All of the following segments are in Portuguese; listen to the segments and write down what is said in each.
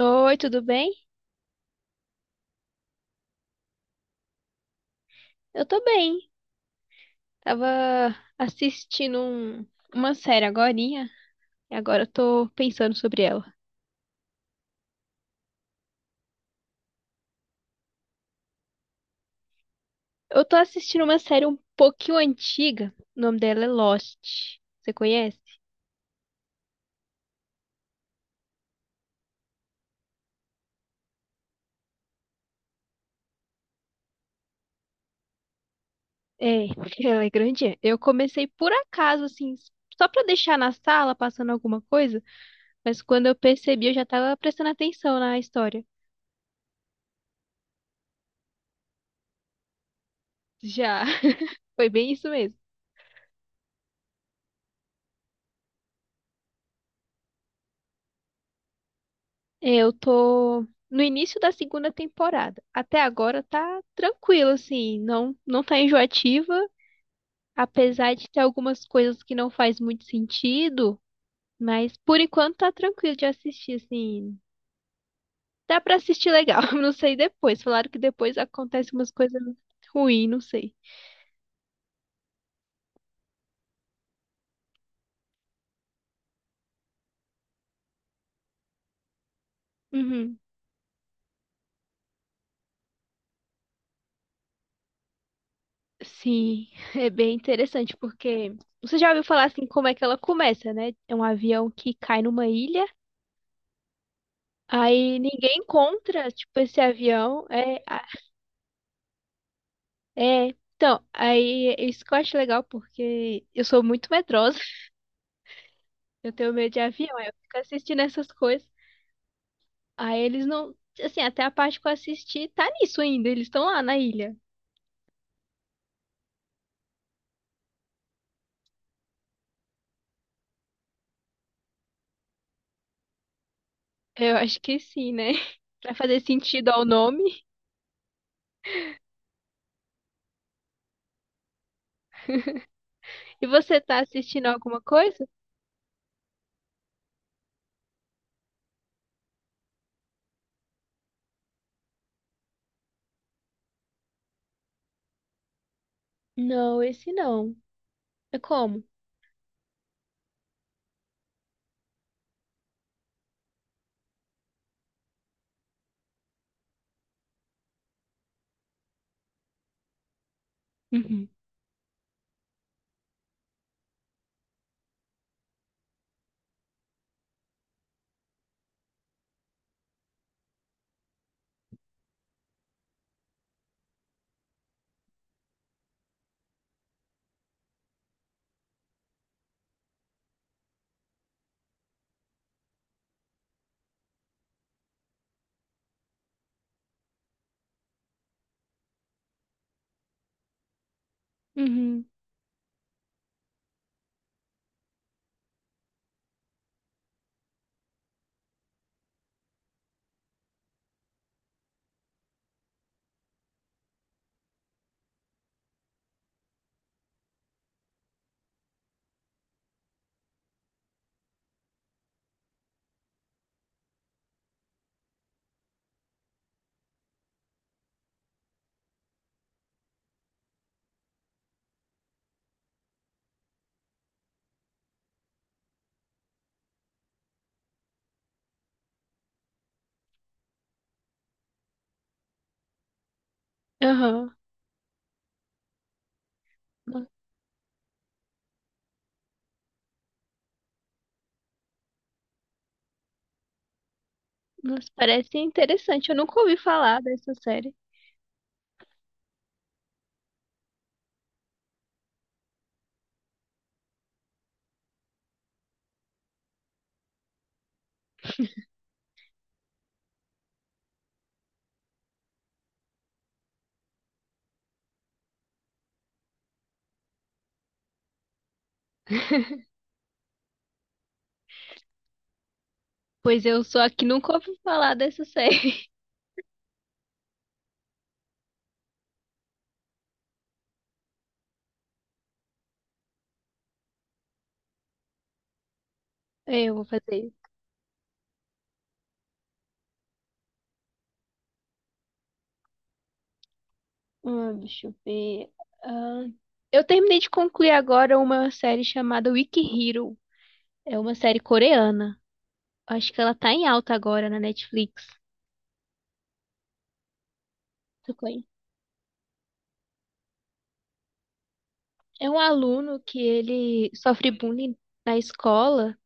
Oi, tudo bem? Eu tô bem. Tava assistindo uma série agorinha, e agora eu tô pensando sobre ela. Eu tô assistindo uma série um pouquinho antiga. O nome dela é Lost. Você conhece? É, ela é grandinha. Eu comecei por acaso, assim, só pra deixar na sala passando alguma coisa, mas quando eu percebi, eu já tava prestando atenção na história. Já, foi bem isso mesmo. É, eu tô no início da segunda temporada. Até agora tá tranquilo, assim, não tá enjoativa, apesar de ter algumas coisas que não faz muito sentido, mas por enquanto tá tranquilo de assistir, assim. Dá pra assistir legal, não sei depois. Falaram que depois acontece umas coisas ruins, não sei. Uhum. Sim, é bem interessante porque você já ouviu falar assim como é que ela começa, né? É um avião que cai numa ilha. Aí ninguém encontra, tipo, esse avião. É, é. Então, aí isso que eu acho legal, porque eu sou muito medrosa. Eu tenho medo de avião, aí eu fico assistindo essas coisas. Aí eles não. Assim, até a parte que eu assisti tá nisso ainda. Eles estão lá na ilha. Eu acho que sim, né? Pra fazer sentido ao nome. E você tá assistindo alguma coisa? Não, esse não. É como? Uhum. Uhum. Aham. Nossa, parece interessante. Eu nunca ouvi falar dessa série. Pois eu sou a que nunca ouvi falar dessa série. É, eu vou fazer isso. Ah, deixa eu ver. Ah, eu terminei de concluir agora uma série chamada Wiki Hero. É uma série coreana. Acho que ela tá em alta agora na Netflix. Tu conhece? É um aluno que ele sofre bullying na escola,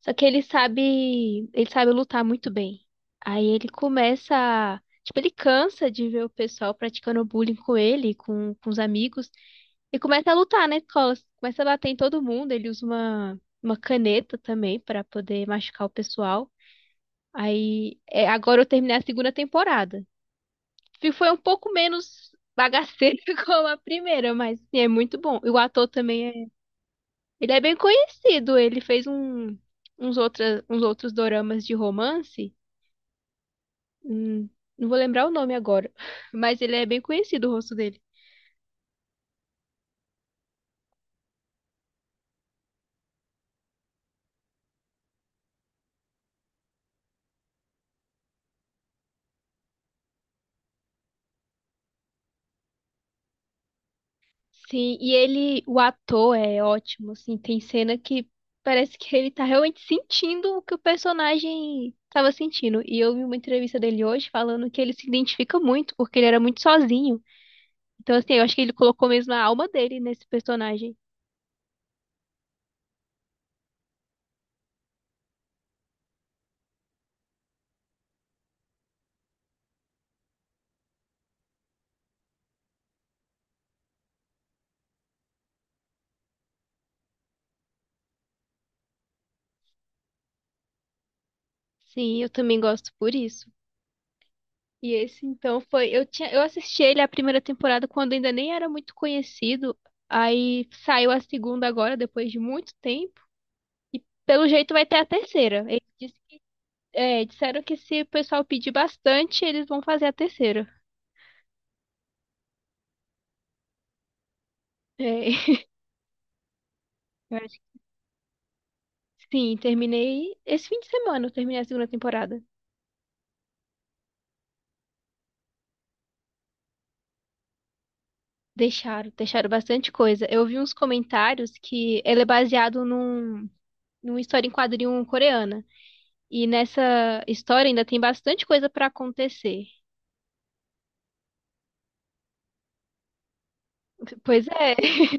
só que ele sabe lutar muito bem. Aí ele começa a, tipo, ele cansa de ver o pessoal praticando bullying com ele, com os amigos. E começa a lutar na escola, começa a bater em todo mundo. Ele usa uma caneta também pra poder machucar o pessoal. Aí, é, agora eu terminei a segunda temporada. Foi um pouco menos bagaceiro como a primeira, mas assim, é muito bom. E o ator também é. Ele é bem conhecido, ele fez uns outros doramas de romance. Hum, não vou lembrar o nome agora, mas ele é bem conhecido, o rosto dele. Sim, e ele, o ator é ótimo, assim, tem cena que parece que ele tá realmente sentindo o que o personagem tava sentindo. E eu vi uma entrevista dele hoje falando que ele se identifica muito, porque ele era muito sozinho. Então, assim, eu acho que ele colocou mesmo a alma dele nesse personagem. Sim, eu também gosto por isso. E esse, então, foi. Eu tinha, eu assisti ele a primeira temporada quando ainda nem era muito conhecido. Aí saiu a segunda agora, depois de muito tempo. E pelo jeito vai ter a terceira. Eles. É, disseram que se o pessoal pedir bastante, eles vão fazer a terceira. É, eu acho que sim, terminei esse fim de semana, eu terminei a segunda temporada. Deixaram, deixaram bastante coisa. Eu vi uns comentários que ele é baseado numa história em quadrinho coreana. E nessa história ainda tem bastante coisa pra acontecer. Pois é,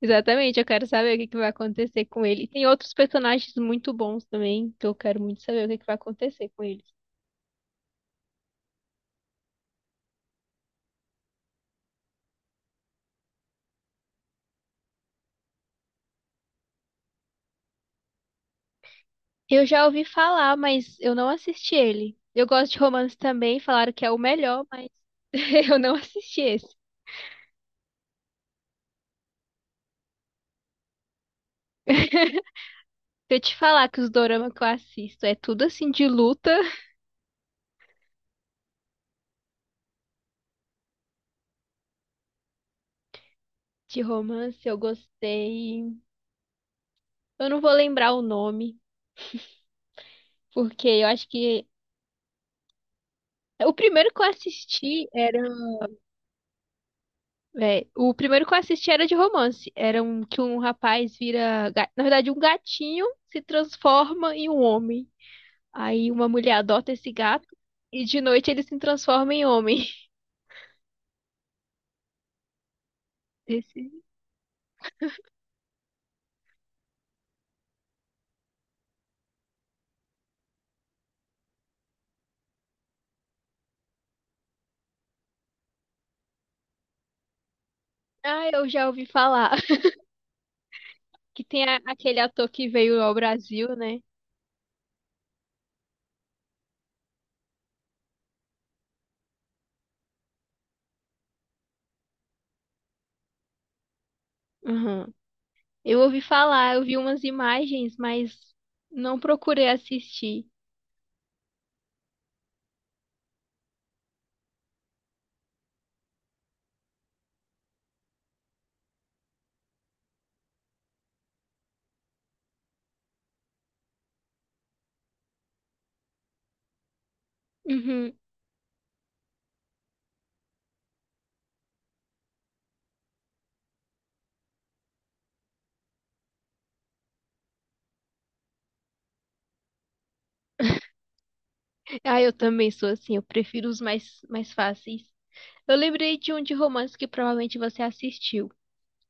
exatamente. Eu quero saber o que que vai acontecer com ele. E tem outros personagens muito bons também, que eu quero muito saber o que que vai acontecer com ele. Eu já ouvi falar, mas eu não assisti ele. Eu gosto de romance também, falaram que é o melhor, mas eu não assisti esse. Se eu te falar que os dorama que eu assisto é tudo assim de luta, de romance, eu gostei. Eu não vou lembrar o nome, porque eu acho que o primeiro que eu assisti era, é, o primeiro que eu assisti era de romance, era um que um rapaz vira, na verdade, um gatinho se transforma em um homem. Aí uma mulher adota esse gato e de noite ele se transforma em homem. Esse... Ah, eu já ouvi falar. Que tem aquele ator que veio ao Brasil, né? Uhum. Eu ouvi falar, eu vi umas imagens, mas não procurei assistir. Uhum. Ah, eu também sou assim, eu prefiro os mais fáceis. Eu lembrei de um de romance que provavelmente você assistiu.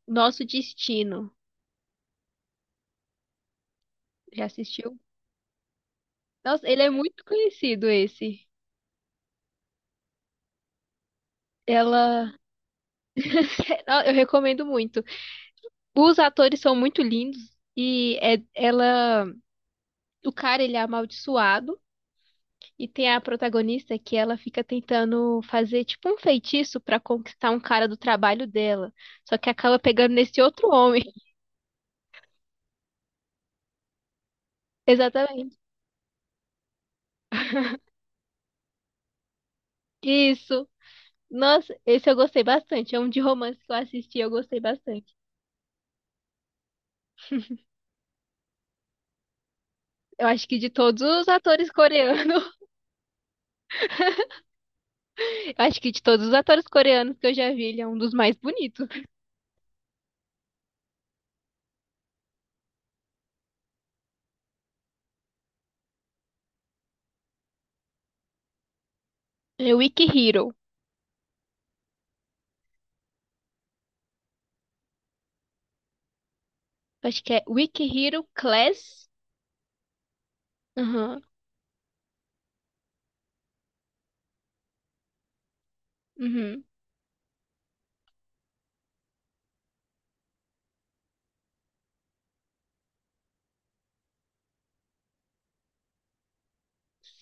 Nosso Destino. Já assistiu? Nossa, ele é muito conhecido esse. Ela. Eu recomendo muito. Os atores são muito lindos e ela, o cara ele é amaldiçoado e tem a protagonista que ela fica tentando fazer tipo um feitiço pra conquistar um cara do trabalho dela, só que acaba pegando nesse outro homem. Exatamente. Isso. Nossa, esse eu gostei bastante. É um de romance que eu assisti, eu gostei bastante. Eu acho que de todos os atores coreanos, eu acho que de todos os atores coreanos que eu já vi, ele é um dos mais bonitos. É Wiki Hero. Acho que é Wiki Hero Class. Aham. Uhum.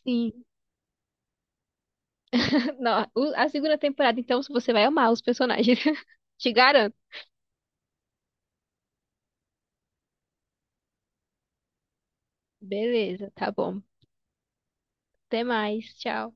Sim. Não, a segunda temporada, então, você vai amar os personagens. Te garanto. Beleza, tá bom. Até mais. Tchau.